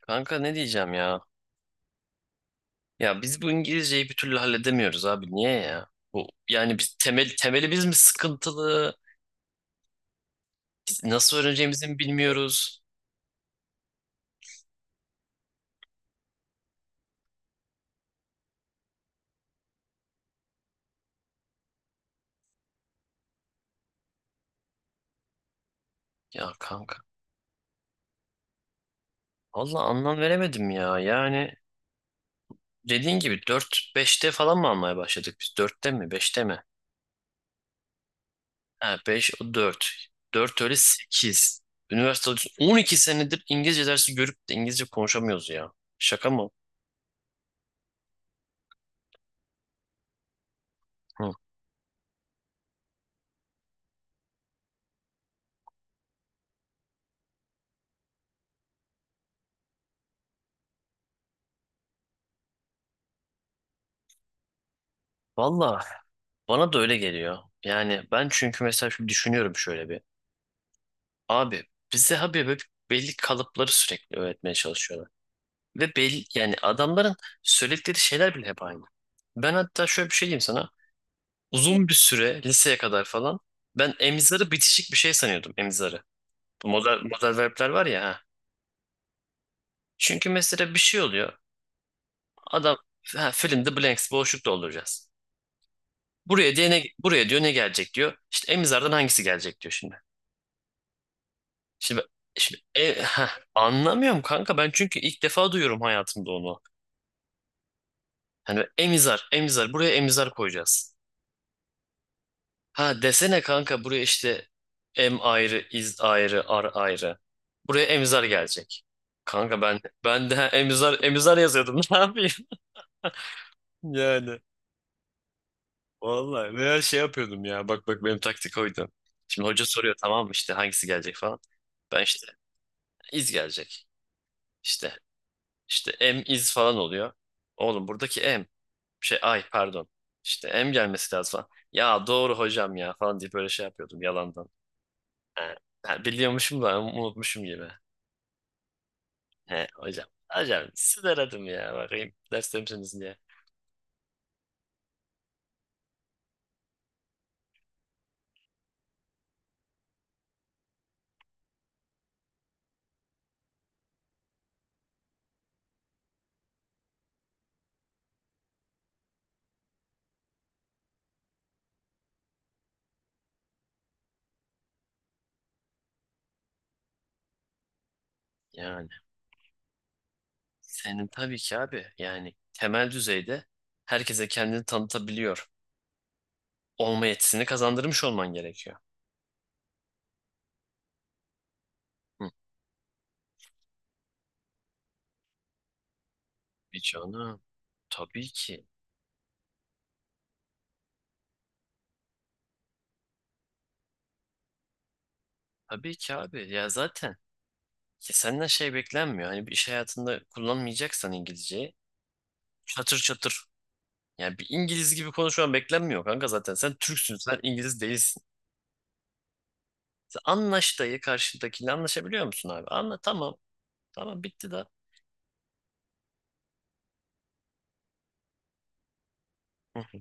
Kanka ne diyeceğim ya? Ya biz bu İngilizceyi bir türlü halledemiyoruz abi. Niye ya? Bu yani biz temelimiz mi sıkıntılı? Biz nasıl öğreneceğimizi mi bilmiyoruz? Ya kanka, valla anlam veremedim ya. Yani dediğin gibi dört beşte falan mı almaya başladık biz? Dörtte mi beşte mi? Ha, 5 o 4 4 öyle sekiz. Üniversitede 12 senedir İngilizce dersi görüp de İngilizce konuşamıyoruz ya. Şaka mı? Hı. Valla bana da öyle geliyor. Yani ben çünkü mesela şimdi düşünüyorum şöyle bir. Abi bize abi böyle belli kalıpları sürekli öğretmeye çalışıyorlar. Ve belli yani adamların söyledikleri şeyler bile hep aynı. Ben hatta şöyle bir şey diyeyim sana. Uzun bir süre liseye kadar falan ben emizarı bitişik bir şey sanıyordum emizarı. Bu model verbler var ya. Ha. Çünkü mesela bir şey oluyor. Adam ha, fill in the blanks, boşluk dolduracağız. Buraya diye ne, buraya diyor ne gelecek diyor. İşte emizardan hangisi gelecek diyor şimdi. Şimdi, şimdi anlamıyorum kanka ben çünkü ilk defa duyuyorum hayatımda onu. Hani emizar, emizar. Buraya emizar koyacağız. Ha desene kanka buraya işte em ayrı, iz ayrı, ar ayrı. Buraya emizar gelecek. Kanka ben de ha, emizar emizar yazıyordum. Ne yapayım? Yani vallahi veya şey yapıyordum ya. Bak bak benim taktik oydu. Şimdi hoca soruyor, tamam mı, işte hangisi gelecek falan. Ben işte iz gelecek. İşte işte em iz falan oluyor. Oğlum buradaki em. Şey, ay pardon. İşte em gelmesi lazım falan. Ya doğru hocam ya falan diye böyle şey yapıyordum yalandan. Ha, ha, biliyormuşum da unutmuşum gibi. He, hocam. Hocam sizi aradım ya bakayım derste misiniz diye. Yani senin tabii ki abi yani temel düzeyde herkese kendini tanıtabiliyor olma yetisini kazandırmış olman gerekiyor. Hı. Bir canım tabii ki tabii ki abi ya zaten ya senden şey beklenmiyor. Hani bir iş hayatında kullanmayacaksan İngilizceyi çatır çatır. Yani bir İngiliz gibi konuşman beklenmiyor kanka zaten. Sen Türksün, sen İngiliz değilsin. Sen anlaş dayı karşındakiyle anlaşabiliyor musun abi? Anla tamam. Tamam bitti da. Hı.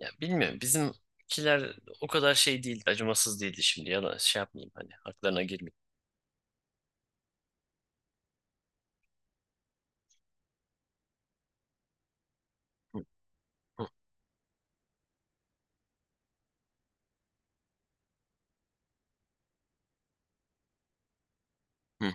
Ya bilmiyorum bizimkiler o kadar şey değildi, acımasız değildi şimdi. Ya da şey yapmayayım hani haklarına girmeyeyim. Hı, hı, hı,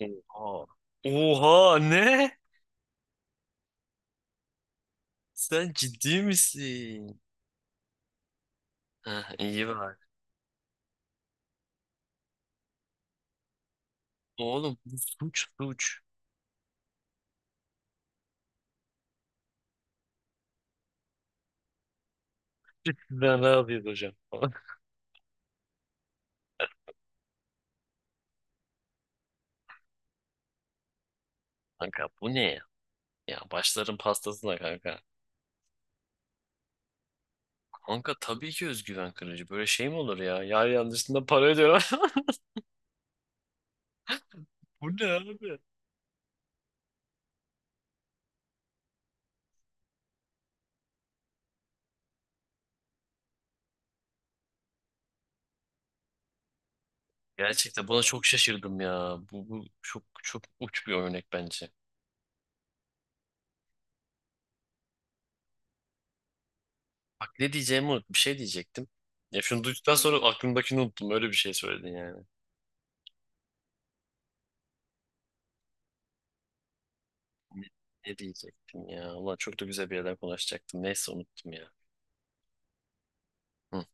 hı. Oha. Oha ne? Sen ciddi misin? Heh, iyi var. Oğlum bu suç suç. Ben ne yapayım hocam? Kanka bu ne ya? Ya başların pastasına kanka. Kanka tabii ki özgüven kırıcı. Böyle şey mi olur ya? Yar yardımcısında para ödüyor. Bu ne abi? Gerçekten buna çok şaşırdım ya. Bu çok çok uç bir örnek bence. Bak ne diyeceğimi unut. Bir şey diyecektim. Ya şunu duyduktan sonra aklımdakini unuttum. Öyle bir şey söyledin yani. Ne, ne diyecektim ya? Ulan çok da güzel bir yerden konuşacaktım. Neyse unuttum ya. Hı,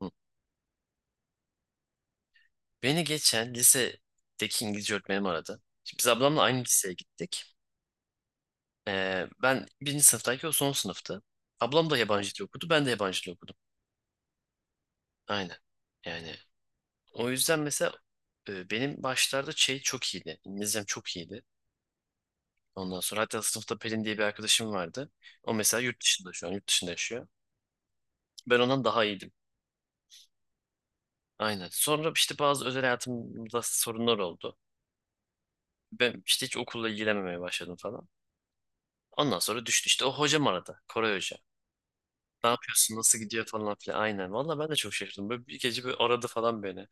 hı. Beni geçen lisedeki İngilizce öğretmenim aradı. Şimdi biz ablamla aynı liseye gittik. Ben birinci sınıftayken o son sınıftı. Ablam da yabancı dil okudu. Ben de yabancı dil okudum. Aynen. Yani o yüzden mesela benim başlarda şey çok iyiydi. İngilizcem çok iyiydi. Ondan sonra hatta sınıfta Pelin diye bir arkadaşım vardı. O mesela yurt dışında şu an yurt dışında yaşıyor. Ben ondan daha iyiydim. Aynen. Sonra işte bazı özel hayatımda sorunlar oldu. Ben işte hiç okulla ilgilenmemeye başladım falan. Ondan sonra düştü işte o hocam aradı. Koray Hoca. Ne yapıyorsun? Nasıl gidiyor falan filan. Aynen. Valla ben de çok şaşırdım. Böyle bir gece böyle aradı falan beni.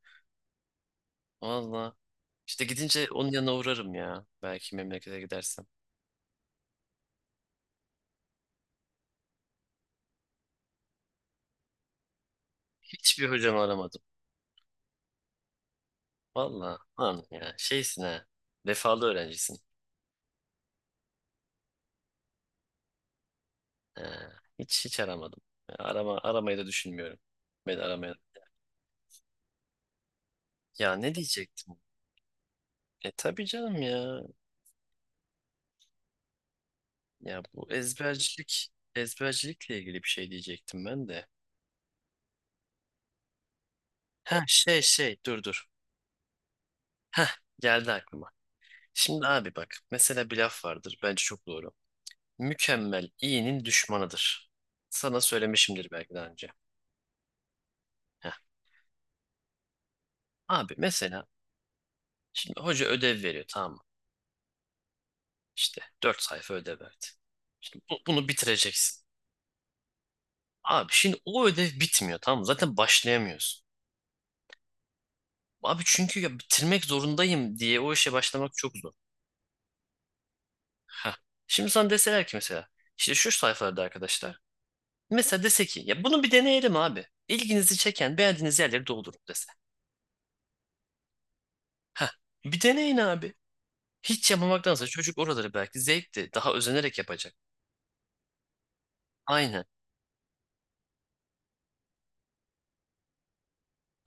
Valla. İşte gidince onun yanına uğrarım ya. Belki memlekete gidersem. Hiçbir hocamı aramadım. Valla. Lan ya şeysin ha. Vefalı öğrencisin. Ha, hiç hiç aramadım. Aramayı da düşünmüyorum. Beni aramaya. Ya ne diyecektim? E tabii canım ya. Ya bu ezbercilik. Ezbercilikle ilgili bir şey diyecektim ben de. Ha şey dur dur. Ha geldi aklıma. Şimdi abi bak mesela bir laf vardır. Bence çok doğru. Mükemmel iyinin düşmanıdır. Sana söylemişimdir belki daha önce. Heh. Abi mesela şimdi hoca ödev veriyor, tamam mı? İşte 4 sayfa ödev verdi. Şimdi bunu bitireceksin. Abi şimdi o ödev bitmiyor tamam mı? Zaten başlayamıyorsun. Abi çünkü ya bitirmek zorundayım diye o işe başlamak çok zor. Heh. Şimdi sana deseler ki mesela işte şu sayfalarda arkadaşlar. Mesela dese ki ya bunu bir deneyelim abi. İlginizi çeken beğendiğiniz yerleri doldurun dese. Heh. Bir deneyin abi. Hiç yapmamaktansa çocuk oraları belki zevkli. Daha özenerek yapacak. Aynen.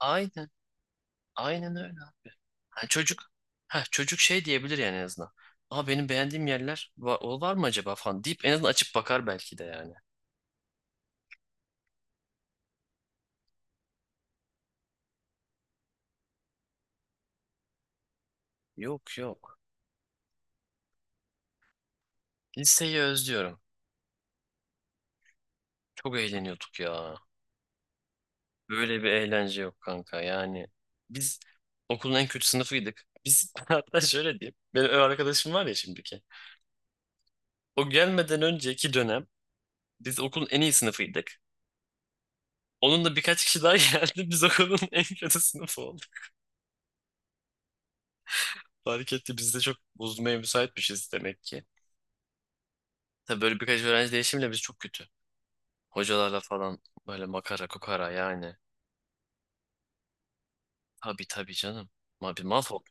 Aynen. Aynen öyle abi. Ha, çocuk ha, çocuk şey diyebilir yani en azından. Aa benim beğendiğim yerler var, o var mı acaba falan deyip en azından açıp bakar belki de yani. Yok yok. Liseyi özlüyorum. Çok eğleniyorduk ya. Böyle bir eğlence yok kanka yani. Biz okulun en kötü sınıfıydık. Biz hatta şöyle diyeyim. Benim ev arkadaşım var ya şimdiki. O gelmeden önceki dönem biz okulun en iyi sınıfıydık. Onun da birkaç kişi daha geldi. Biz okulun en kötü sınıfı olduk. Fark etti. Biz de çok bozulmaya müsaitmişiz demek ki. Tabii böyle birkaç öğrenci değişimle biz çok kötü. Hocalarla falan böyle makara kukara yani. Tabii tabii canım. Ma bir mahvolduk.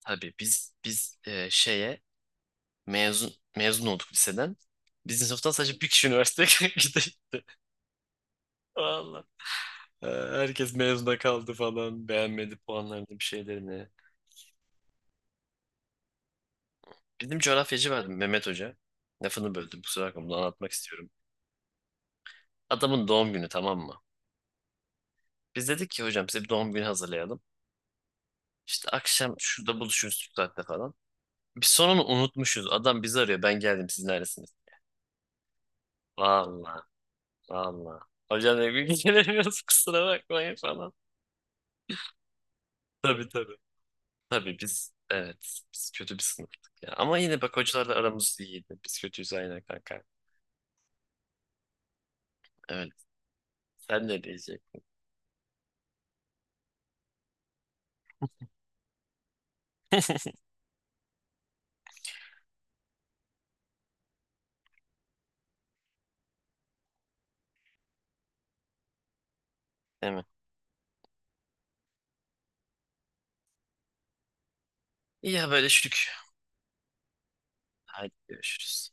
Tabii biz şeye, mezun olduk liseden. Bizim sınıftan sadece bir kişi üniversiteye gitti. Valla. Herkes mezuna kaldı falan. Beğenmedi puanlarını bir şeylerini. Bizim coğrafyacı vardı Mehmet Hoca. Lafını böldüm kusura bakma, bunu anlatmak istiyorum. Adamın doğum günü tamam mı? Biz dedik ki hocam size bir doğum günü hazırlayalım. İşte akşam şurada buluşuruz şu saatte falan. Biz sonunu unutmuşuz. Adam bizi arıyor. Ben geldim, siz neredesiniz? Valla valla. Hocam ne gün gelemiyoruz kusura bakmayın falan. Tabii tabii. Tabii biz evet biz kötü bir sınıftık ya. Ama yine bak hocalarla aramız iyiydi. Biz kötüyüz aynen kanka. Evet. Sen ne diyeceksin? Değil mi? İyi haberleştik. Hadi görüşürüz.